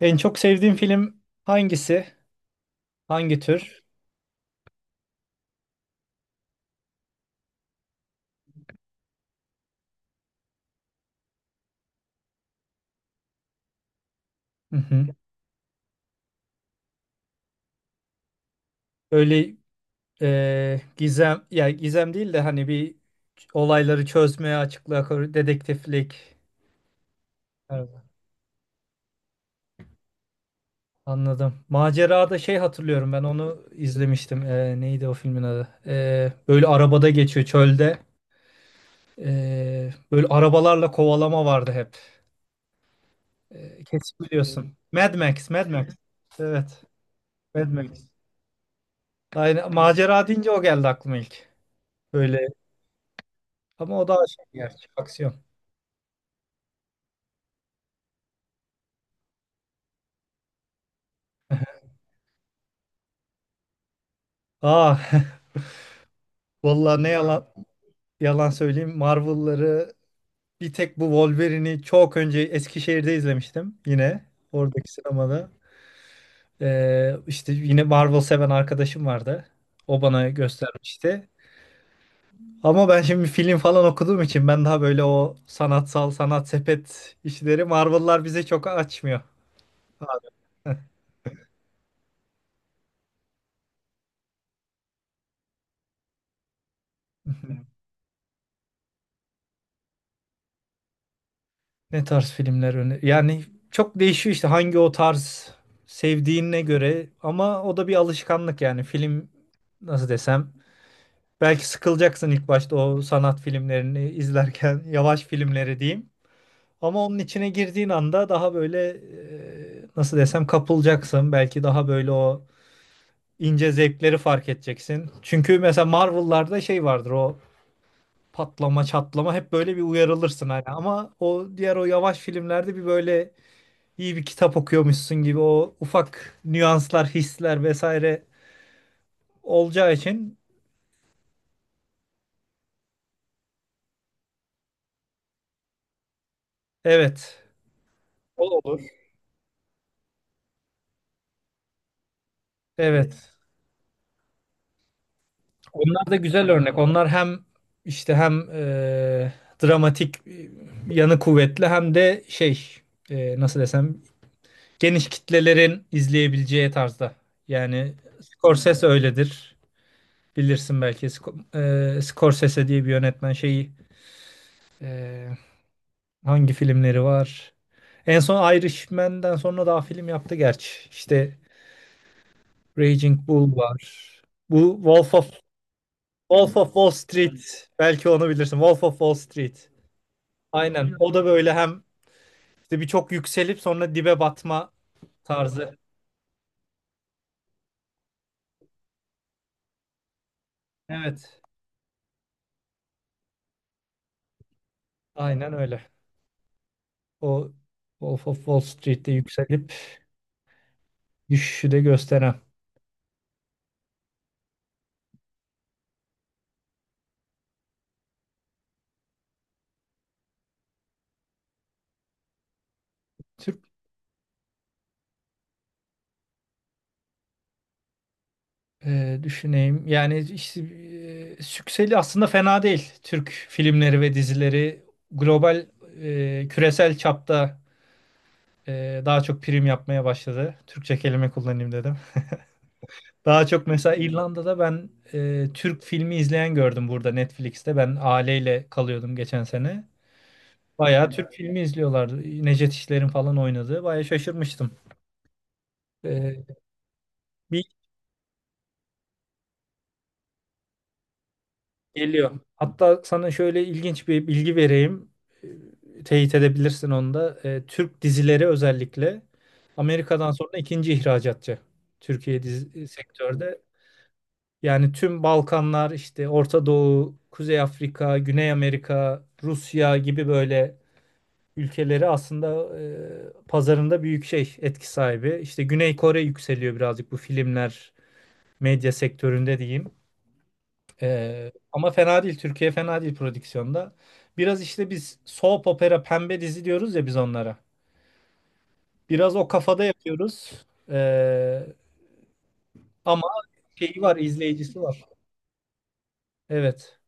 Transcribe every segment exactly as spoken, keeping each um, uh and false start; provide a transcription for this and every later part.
En çok sevdiğin film hangisi? Hangi tür? Hı hı. Böyle e, gizem ya gizem değil de hani bir olayları çözmeye, açıklığa, kavur- dedektiflik. Evet, anladım. Macerada şey hatırlıyorum, ben onu izlemiştim. E, neydi o filmin adı? E, böyle arabada geçiyor çölde. E, böyle arabalarla kovalama vardı hep. E, kesin biliyorsun. Mad Max, Mad Max. Evet, Mad Max. Aynen, macera deyince o geldi aklıma ilk. Böyle ama o daha şey, gerçi aksiyon. Aa, vallahi ne yalan yalan söyleyeyim. Marvel'ları bir tek bu Wolverine'i çok önce Eskişehir'de izlemiştim, yine oradaki sinemada. Ee, işte yine Marvel seven arkadaşım vardı. O bana göstermişti. Ama ben şimdi film falan okuduğum için ben daha böyle o sanatsal sanat sepet işleri, Marvel'lar bize çok açmıyor. Ne tarz filmler öne... Yani çok değişiyor işte, hangi o tarz sevdiğine göre, ama o da bir alışkanlık. Yani film, nasıl desem, belki sıkılacaksın ilk başta o sanat filmlerini izlerken, yavaş filmleri diyeyim. Ama onun içine girdiğin anda daha böyle, e, nasıl desem, kapılacaksın. Belki daha böyle o ince zevkleri fark edeceksin. Çünkü mesela Marvel'larda şey vardır, o patlama çatlama, hep böyle bir uyarılırsın hani, ama o diğer o yavaş filmlerde bir böyle iyi bir kitap okuyormuşsun gibi o ufak nüanslar, hisler vesaire olacağı için evet, evet. Onlar da güzel örnek. Onlar hem işte hem e, dramatik e, yanı kuvvetli, hem de şey, e, nasıl desem, geniş kitlelerin izleyebileceği tarzda. Yani Scorsese öyledir. Bilirsin belki, Sco- e, Scorsese diye bir yönetmen şeyi, e, hangi filmleri var? En son Irishman'den sonra daha film yaptı gerçi. İşte Raging Bull var. Bu Wolf of Wolf of Wall Street. Belki onu bilirsin. Wolf of Wall Street. Aynen. O da böyle hem işte birçok yükselip sonra dibe batma tarzı. Evet. Aynen öyle. O Wolf of Wall Street'te yükselip düşüşü de gösteren. Türk... Ee, düşüneyim. Yani işte, e, Sükseli aslında fena değil. Türk filmleri ve dizileri global, e, küresel çapta e, daha çok prim yapmaya başladı. Türkçe kelime kullanayım dedim. Daha çok mesela İrlanda'da ben e, Türk filmi izleyen gördüm burada Netflix'te. Ben aileyle kalıyordum geçen sene. Bayağı Türk filmi izliyorlardı. Necdet İşler'in falan oynadığı. Bayağı şaşırmıştım. E, bir Geliyor. Hatta sana şöyle ilginç bir bilgi vereyim. E, Teyit edebilirsin onu da. E, Türk dizileri özellikle Amerika'dan sonra ikinci ihracatçı. Türkiye dizi e, sektörde. Yani tüm Balkanlar, işte Orta Doğu, Kuzey Afrika, Güney Amerika, Rusya gibi böyle ülkeleri aslında e, pazarında büyük şey, etki sahibi. İşte Güney Kore yükseliyor birazcık bu filmler medya sektöründe diyeyim. Ee, ama fena değil. Türkiye fena değil prodüksiyonda. Biraz işte biz soap opera, pembe dizi diyoruz ya biz onlara. Biraz o kafada yapıyoruz. Ee, ama şeyi var, izleyicisi var. Evet.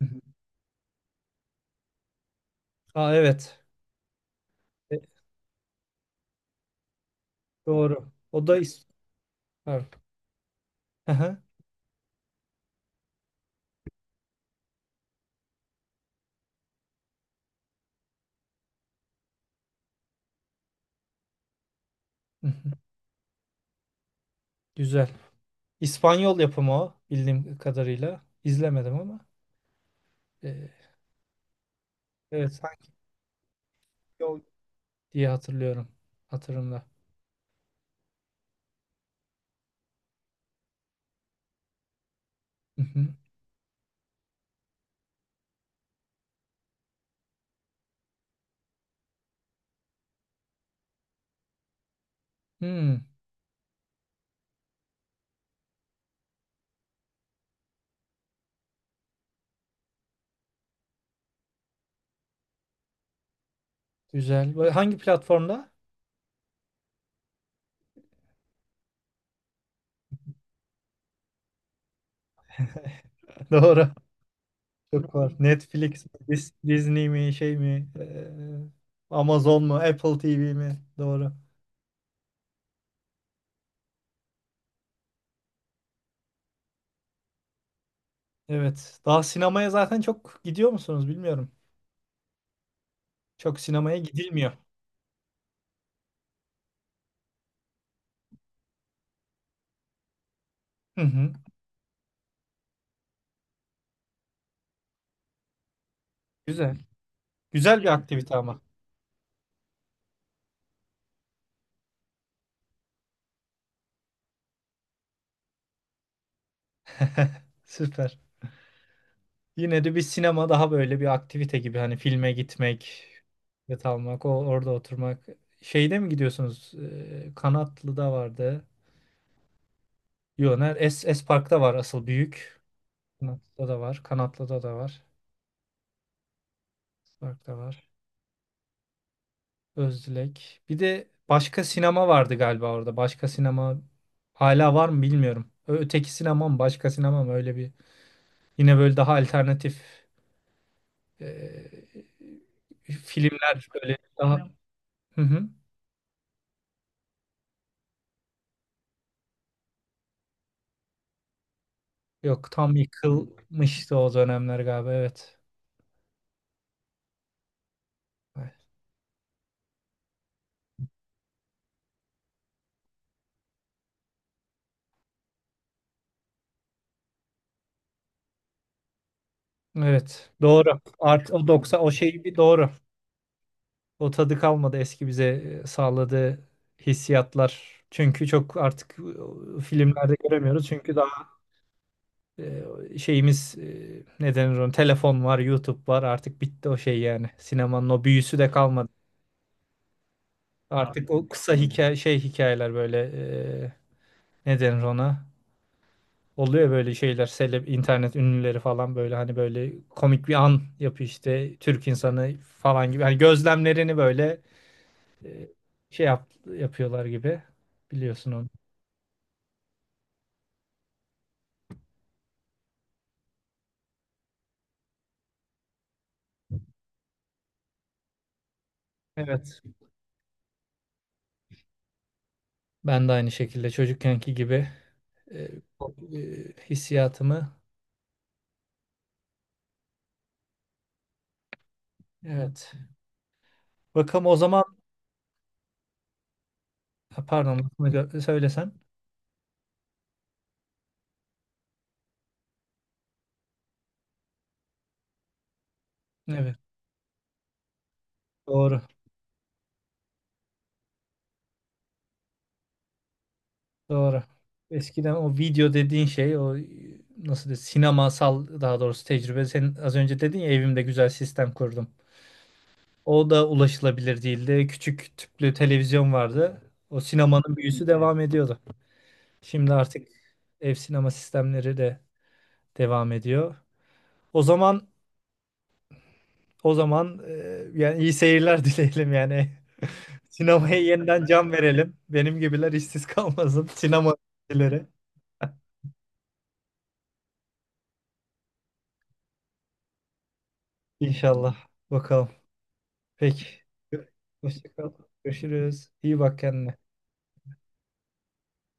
Hı hı. Aa, evet. E, doğru. O da is Pardon. Hı hı. Hı hı. Güzel. İspanyol yapımı o, bildiğim kadarıyla. İzlemedim ama. Ee, evet, sanki o diye hatırlıyorum. Hatırımda. Hı hı. Hmm, güzel. Böyle hangi platformda? Doğru. Çok var. Netflix mi, Dis- Disney mi, şey mi, eee, Amazon mu, Apple T V mi? Doğru. Evet. Daha sinemaya zaten çok gidiyor musunuz bilmiyorum. Çok sinemaya gidilmiyor. Hı hı. Güzel. Güzel bir aktivite ama. Süper. Yine de bir sinema daha böyle bir aktivite gibi. Hani filme gitmek, bilet almak, o, orada oturmak. Şeyde mi gidiyorsunuz? Eee, Kanatlı'da vardı. Yok, Es, Es parkta var asıl büyük. Kanatlı'da da var. Kanatlı'da da var. Es parkta var. Özdilek. Bir de başka sinema vardı galiba orada. Başka sinema hala var mı bilmiyorum. Ö- Öteki sinema mı, başka sinema mı, öyle bir. Yine böyle daha alternatif e, filmler böyle daha hı hı. Yok, tam yıkılmıştı o dönemler galiba, evet. Evet, doğru. Art o doksan o şey bir doğru. O tadı kalmadı, eski bize e, sağladığı hissiyatlar. Çünkü çok artık e, filmlerde göremiyoruz. Çünkü daha e, şeyimiz, e, ne denir ona? Telefon var, YouTube var. Artık bitti o şey yani. Sinemanın o büyüsü de kalmadı. Artık o kısa hikaye şey hikayeler böyle, e, ne denir ona? Oluyor böyle şeyler, seleb internet ünlüleri falan, böyle hani böyle komik bir an yapıyor işte Türk insanı falan gibi. Hani gözlemlerini böyle e, şey yap, yapıyorlar gibi, biliyorsun onu. Evet. Ben de aynı şekilde çocukkenki gibi e, e, hissiyatımı evet. Bakalım o zaman. Ha, pardon, lafını gö- söylesen. Evet, doğru, doğru. Eskiden o video dediğin şey, o, e, nasıl de sinemasal, daha doğrusu tecrübe. Sen az önce dedin ya, evimde güzel sistem kurdum. O da ulaşılabilir değildi. Küçük tüplü televizyon vardı. O sinemanın büyüsü devam ediyordu. Şimdi artık ev sinema sistemleri de devam ediyor. O zaman O zaman e, yani iyi seyirler dileyelim yani. Sinemaya yeniden can verelim. Benim gibiler işsiz kalmasın. Sinema dileri. İnşallah. Bakalım. Peki. Hoşça kal. Görüşürüz. İyi bak kendine.